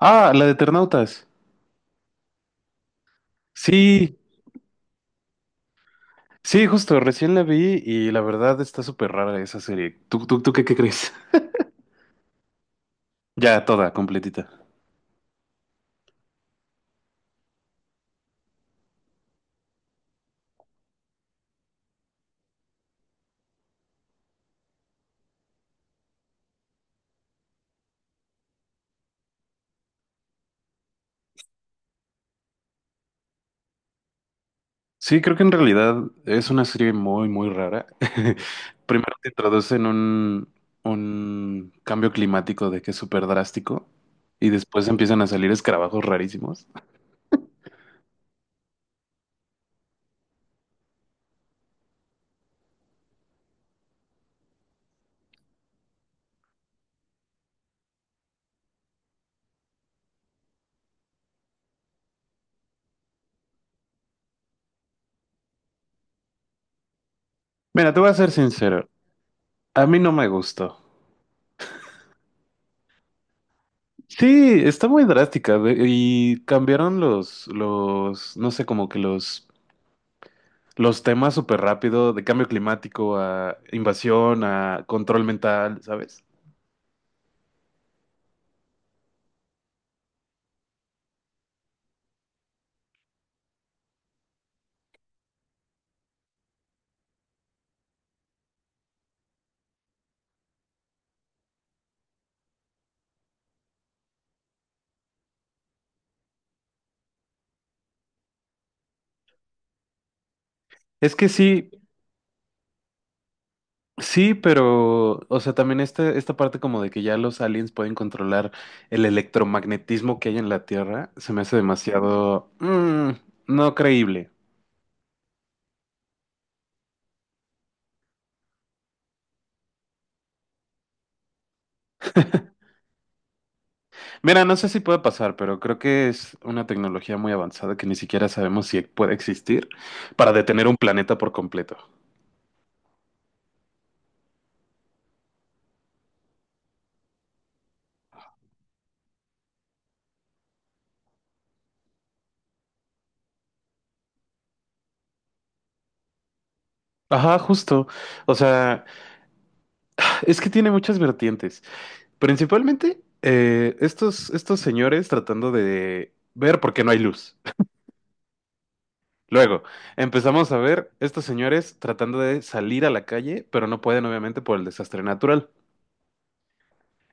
Ah, la de Eternautas. Sí, sí, justo, recién la vi y la verdad está súper rara esa serie. ¿Tú qué, crees? Ya, toda, completita. Sí, creo que en realidad es una serie muy, muy rara. Primero te un cambio climático de que es súper drástico y después empiezan a salir escarabajos rarísimos. Mira, te voy a ser sincero, a mí no me gustó. Sí, está muy drástica y cambiaron los, no sé, como que los temas súper rápido, de cambio climático a invasión, a control mental, ¿sabes? Es que sí, sí, pero, o sea, también esta parte como de que ya los aliens pueden controlar el electromagnetismo que hay en la Tierra, se me hace no creíble. Mira, no sé si puede pasar, pero creo que es una tecnología muy avanzada que ni siquiera sabemos si puede existir para detener un planeta por completo. Ajá, justo. O sea, es que tiene muchas vertientes. Principalmente estos señores tratando de ver por qué no hay luz. Luego empezamos a ver estos señores tratando de salir a la calle, pero no pueden obviamente por el desastre natural.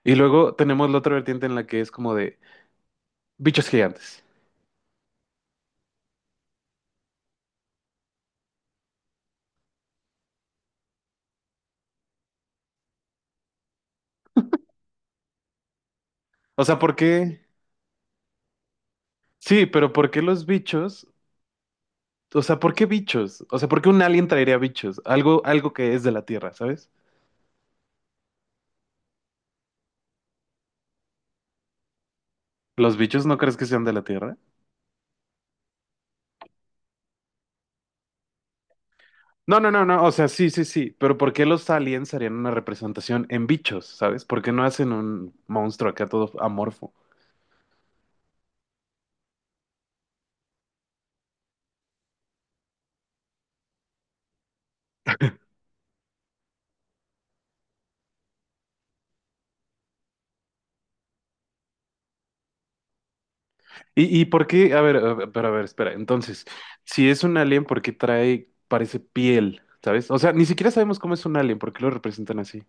Y luego tenemos la otra vertiente en la que es como de bichos gigantes. O sea, ¿por qué? Sí, pero ¿por qué los bichos? O sea, ¿por qué bichos? O sea, ¿por qué un alien traería bichos? Algo, algo que es de la Tierra, ¿sabes? ¿Los bichos no crees que sean de la Tierra? No, no, no, no, o sea, sí, sí, sí, pero ¿por qué los aliens harían una representación en bichos? ¿Sabes? ¿Por qué no hacen un monstruo acá todo amorfo? ¿Y, por qué? A ver, pero a ver, espera, entonces, si es un alien, ¿por qué trae, parece piel? ¿Sabes? O sea, ni siquiera sabemos cómo es un alien, ¿por qué lo representan así?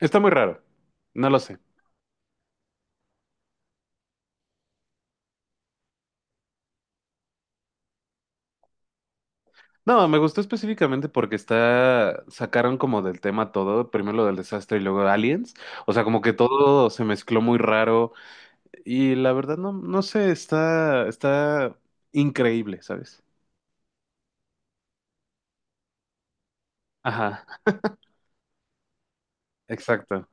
Está muy raro, no lo sé. No, me gustó específicamente porque está, sacaron como del tema todo, primero lo del desastre y luego aliens, o sea, como que todo se mezcló muy raro. Y la verdad no, no sé, está increíble, ¿sabes? Ajá. Exacto.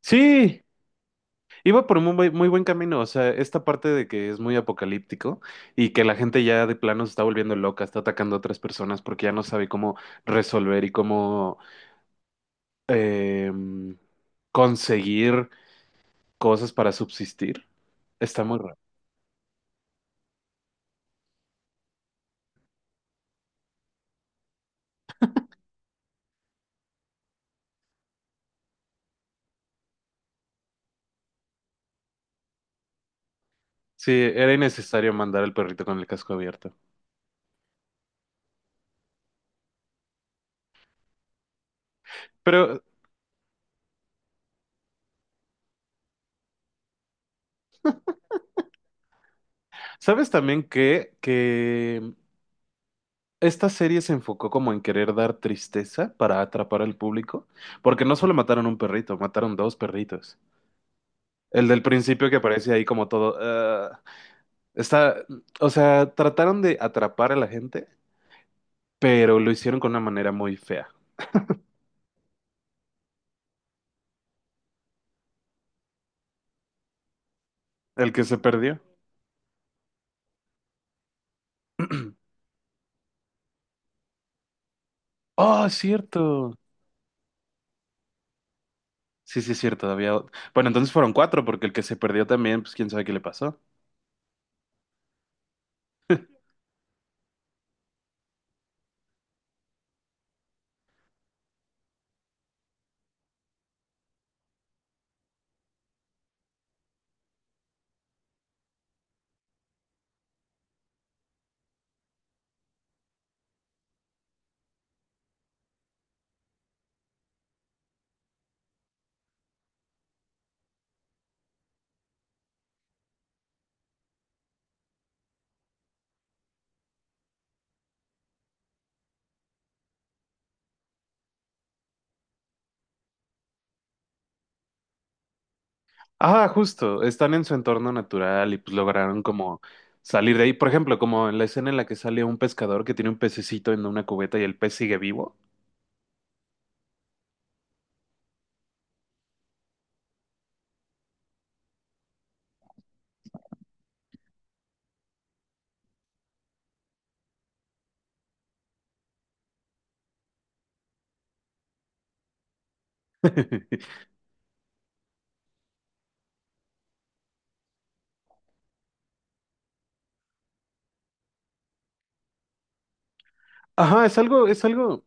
Sí, iba por un muy buen, muy buen camino. O sea, esta parte de que es muy apocalíptico y que la gente ya de plano se está volviendo loca, está atacando a otras personas porque ya no sabe cómo resolver y cómo em, conseguir cosas para subsistir. Está muy raro. Sí, era innecesario mandar al perrito con el casco abierto. Pero, ¿sabes también que esta serie se enfocó como en querer dar tristeza para atrapar al público, porque no solo mataron un perrito, mataron dos perritos. El del principio que aparece ahí como todo, "Ah", está, o sea, trataron de atrapar a la gente, pero lo hicieron con una manera muy fea. El que se perdió. Oh, es cierto. Sí, sí, es cierto, bueno, entonces fueron cuatro, porque el que se perdió también, pues quién sabe qué le pasó. Ah, justo, están en su entorno natural y pues lograron como salir de ahí. Por ejemplo, como en la escena en la que sale un pescador que tiene un pececito en una cubeta y el pez sigue vivo. Ajá,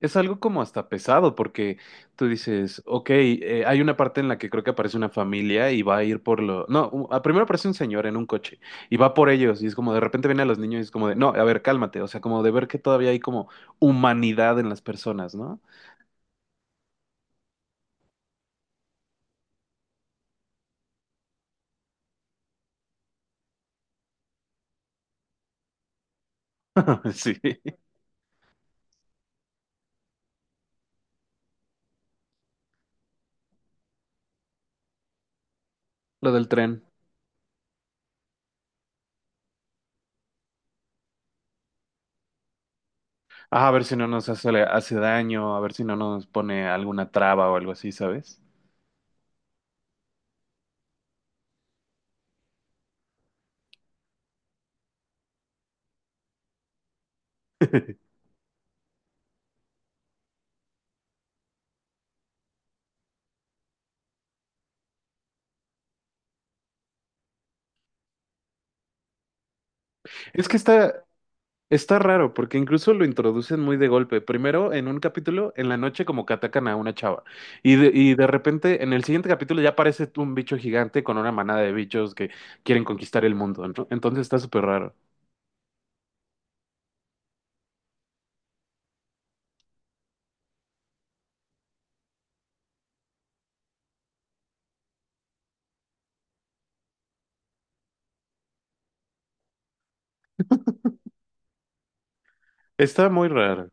es algo como hasta pesado, porque tú dices, ok, hay una parte en la que creo que aparece una familia y va a ir por lo. No, u- a- Primero aparece un señor en un coche y va por ellos, y es como de repente vienen a los niños y es como de, no, a ver, cálmate, o sea, como de ver que todavía hay como humanidad en las personas, ¿no? Sí, lo del tren. Ah, a ver si no nos hace daño, a ver si no nos pone alguna traba o algo así, ¿sabes? Es que está, está raro, porque incluso lo introducen muy de golpe. Primero, en un capítulo, en la noche, como que atacan a una chava. Y de repente, en el siguiente capítulo, ya aparece un bicho gigante con una manada de bichos que quieren conquistar el mundo, ¿no? Entonces está súper raro. Está muy raro.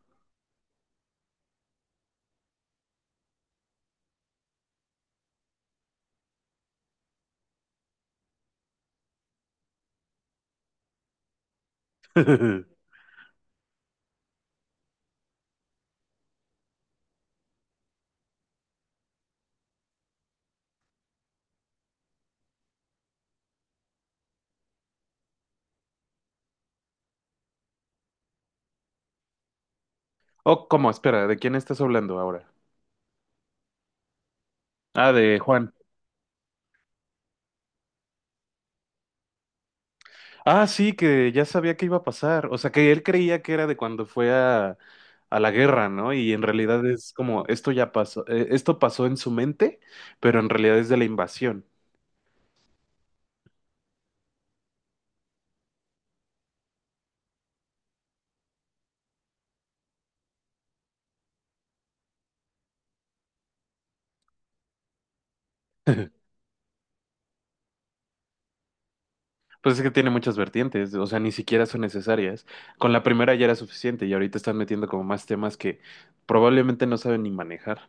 Oh, ¿cómo? Espera, ¿de quién estás hablando ahora? Ah, de Juan. Ah, sí, que ya sabía que iba a pasar. O sea, que él creía que era de cuando a la guerra, ¿no? Y en realidad es como, esto ya pasó, esto pasó en su mente, pero en realidad es de la invasión. Pues es que tiene muchas vertientes, o sea, ni siquiera son necesarias. Con la primera ya era suficiente y ahorita están metiendo como más temas que probablemente no saben ni manejar.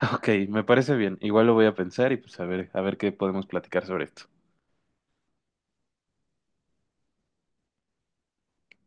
Ok, me parece bien. Igual lo voy a pensar y pues a ver qué podemos platicar sobre esto.